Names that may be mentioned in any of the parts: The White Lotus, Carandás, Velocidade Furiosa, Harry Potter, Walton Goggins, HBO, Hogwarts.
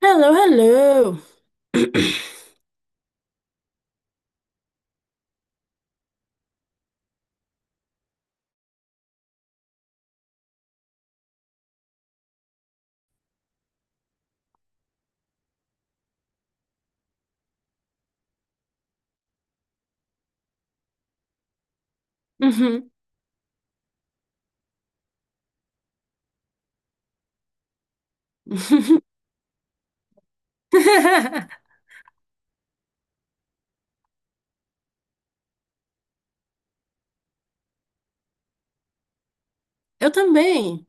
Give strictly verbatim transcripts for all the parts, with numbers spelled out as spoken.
Hello, hello. Uhum. Eu também.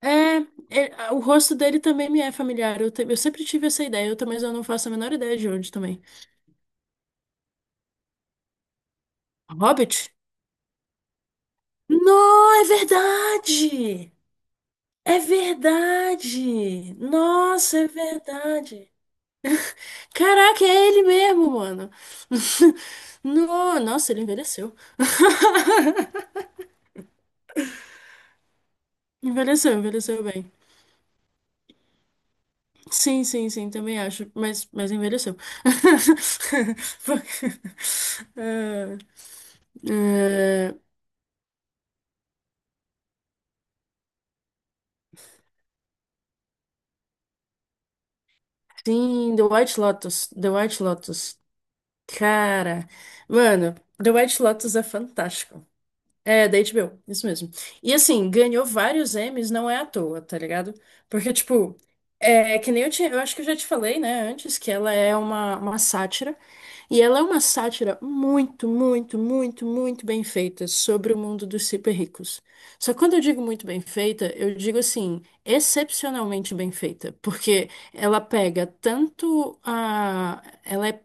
É, é, o rosto dele também me é familiar. Eu, te- eu sempre tive essa ideia, eu, também- mas eu não faço a menor ideia de onde também. Hobbit? Não, é verdade! É verdade! Nossa, é verdade! Caraca, é ele mesmo, mano! No- nossa, ele envelheceu. Envelheceu, envelheceu bem. Sim, sim, sim, também acho, mas, mas envelheceu. Eh, eh, sim, The White Lotus, The White Lotus. Cara, mano, The White Lotus é fantástico. É, da H B O, isso mesmo. E assim, ganhou vários Emmys, não é à toa, tá ligado? Porque, tipo, é que nem eu tinha, eu acho que eu já te falei, né, antes, que ela é uma, uma sátira. E ela é uma sátira muito, muito, muito, muito bem feita sobre o mundo dos super ricos. Só que quando eu digo muito bem feita, eu digo assim, excepcionalmente bem feita. Porque ela pega tanto a. Ela é-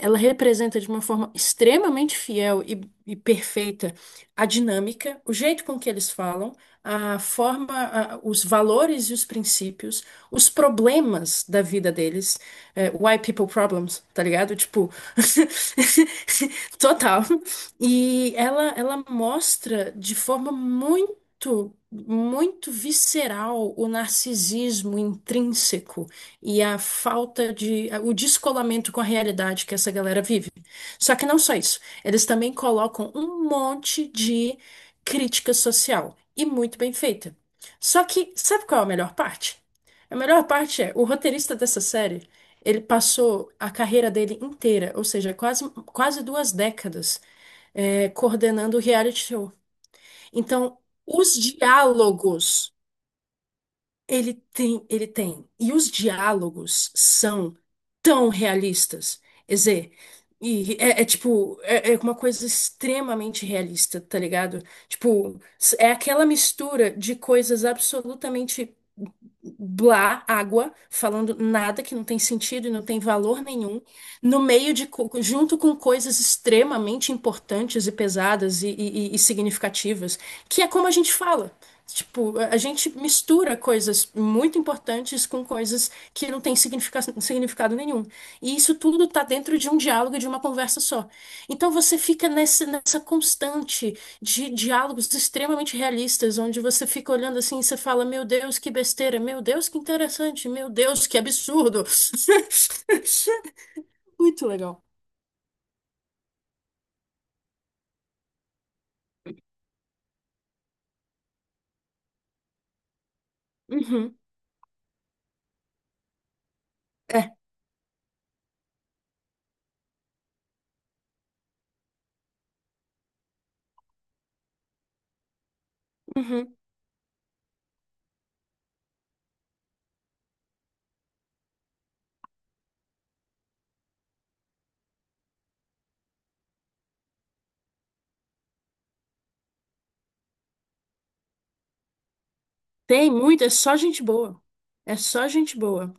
Ela representa de uma forma extremamente fiel e, e perfeita a dinâmica, o jeito com que eles falam, a forma, a- os valores e os princípios, os problemas da vida deles, é, white people problems, tá ligado? Tipo, total. E ela, ela mostra de forma muito, muito visceral o narcisismo intrínseco e a falta de, o descolamento com a realidade que essa galera vive. Só que não só isso. Eles também colocam um monte de crítica social e muito bem feita. Só que, sabe qual é a melhor parte? A melhor parte é, o roteirista dessa série, ele passou a carreira dele inteira, ou seja, quase, quase duas décadas, eh, coordenando o reality show. Então, os diálogos ele tem, ele tem. E os diálogos são tão realistas. Quer dizer, e é, é tipo, é, é uma coisa extremamente realista, tá ligado? Tipo, s- é aquela mistura de coisas absolutamente blá, água, falando nada que não tem sentido e não tem valor nenhum, no meio de, co- junto com coisas extremamente importantes e pesadas e, e- e significativas, que é como a gente fala. Tipo, a a gente mistura coisas muito importantes com coisas que não têm significa- significado nenhum. E isso tudo tá dentro de um diálogo, e de uma conversa só. Então você fica nessa, nessa constante de diálogos extremamente realistas, onde você fica olhando assim e você fala, meu Deus, que besteira, meu Deus, que interessante, meu Deus, que absurdo. Muito legal. Uhum, é, uhum. Tem muito, é só gente boa. É só gente boa.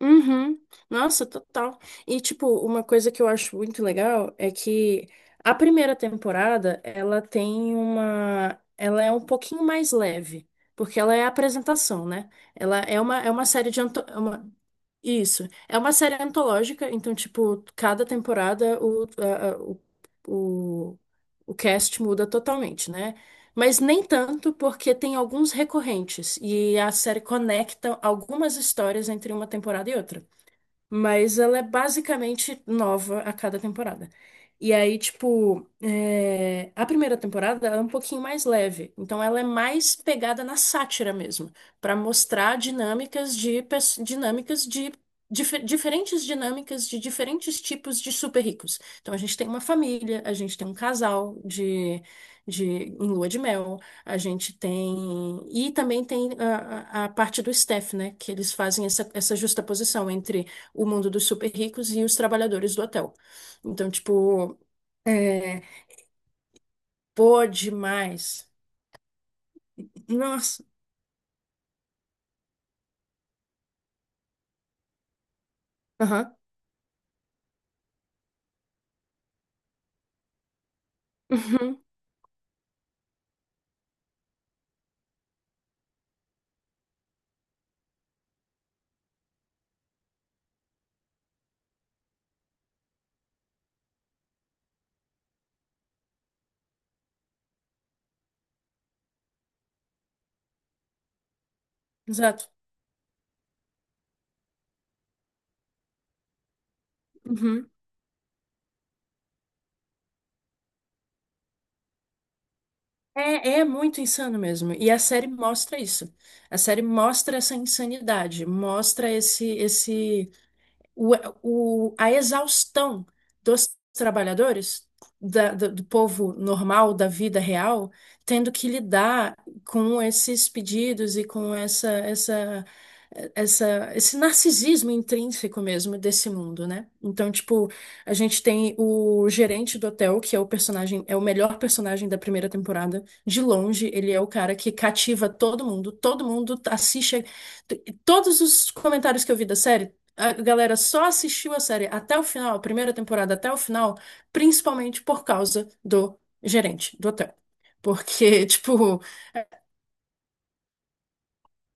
Uhum. Nossa, total. E, tipo, uma coisa que eu acho muito legal é que a primeira temporada, ela tem uma... Ela é um pouquinho mais leve, porque ela é a apresentação, né? Ela é uma, é uma série de... Anto... Isso. É uma série antológica, então, tipo, cada temporada o, a- a- o, o, o cast muda totalmente, né? Mas nem tanto, porque tem alguns recorrentes e a série conecta algumas histórias entre uma temporada e outra. Mas ela é basicamente nova a cada temporada. E aí, tipo, é, a primeira temporada ela é um pouquinho mais leve. Então, ela é mais pegada na sátira mesmo, para mostrar dinâmicas de pes- dinâmicas de dife- diferentes dinâmicas de diferentes tipos de super ricos. Então, a gente tem uma família, a gente tem um casal de, de em lua de mel, a gente tem e também tem a, a a parte do Steph, né? Que eles fazem essa, essa justaposição entre o mundo dos super ricos e os trabalhadores do hotel. Então, tipo, é, pô, demais. Nossa. Aham. Uhum. Exato. Uhum. É, é muito insano mesmo. E a série mostra isso. A série mostra essa insanidade, mostra esse, esse o, o- a exaustão dos trabalhadores, da- do, do povo normal, da vida real, tendo que lidar com esses pedidos e com essa, essa, essa, esse narcisismo intrínseco mesmo desse mundo, né? Então, tipo, a gente tem o gerente do hotel, que é o personagem, é o melhor personagem da primeira temporada. De longe, ele é o cara que cativa todo mundo, todo mundo assiste. a- Todos os comentários que eu vi da série a galera só assistiu a série até o final, a primeira temporada até o final, principalmente por causa do gerente do hotel. Porque, tipo,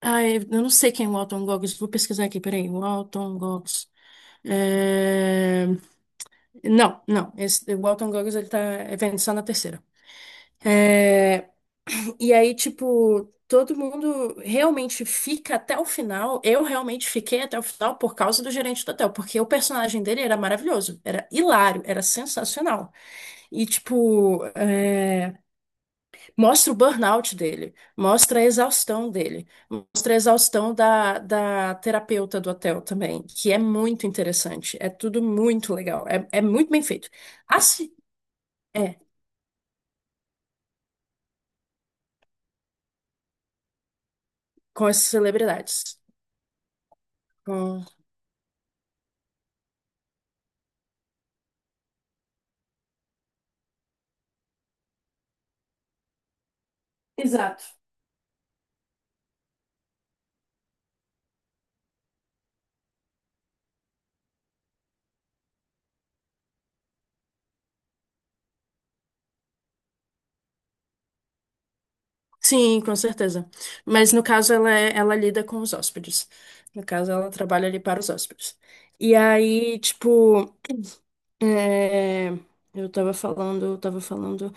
ai, eu não sei quem é o Walton Goggins, vou pesquisar aqui, peraí, Walton Goggins. É, não, não, esse, o Walton Goggins ele tá é, só na terceira. É, e aí, tipo, todo mundo realmente fica até o final. Eu realmente fiquei até o final por causa do gerente do hotel, porque o personagem dele era maravilhoso, era hilário, era sensacional. E, tipo, é, mostra o burnout dele, mostra a exaustão dele, mostra a exaustão da, da terapeuta do hotel também, que é muito interessante. É tudo muito legal, é, é muito bem feito. Assim, é, com as celebridades. com- Exato. Sim, com certeza. Mas no caso ela, é- ela lida com os hóspedes. No caso ela trabalha ali para os hóspedes. E aí, tipo. É, eu tava falando, eu tava falando.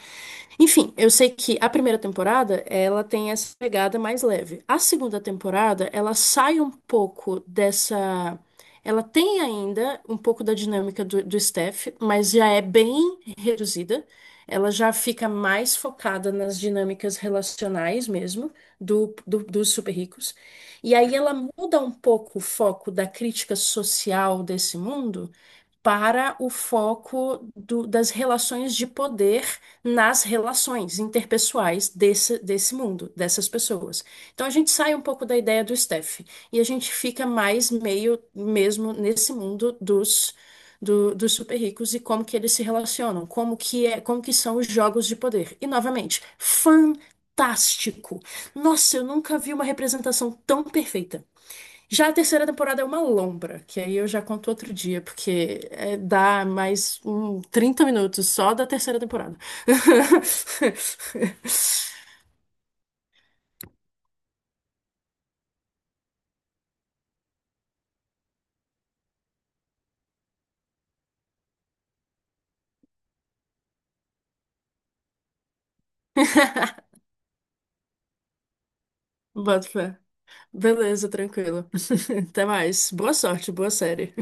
Enfim, eu sei que a primeira temporada, ela tem essa pegada mais leve. A segunda temporada, ela sai um pouco dessa. Ela tem ainda um pouco da dinâmica do, do Steph, mas já é bem reduzida. Ela já fica mais focada nas dinâmicas relacionais mesmo, do, do- dos super ricos. E aí ela muda um pouco o foco da crítica social desse mundo para o foco do- das relações de poder nas relações interpessoais desse, desse mundo, dessas pessoas. Então a gente sai um pouco da ideia do Steph e a gente fica mais meio mesmo nesse mundo dos, do- dos super ricos e como que eles se relacionam, como que é, como que são os jogos de poder. E novamente, fantástico. Nossa, eu nunca vi uma representação tão perfeita. Já a terceira temporada é uma lombra, que aí eu já conto outro dia, porque é, dá mais um trinta minutos só da terceira temporada. Bota fé. Beleza, tranquilo. Até mais. Boa sorte, boa série.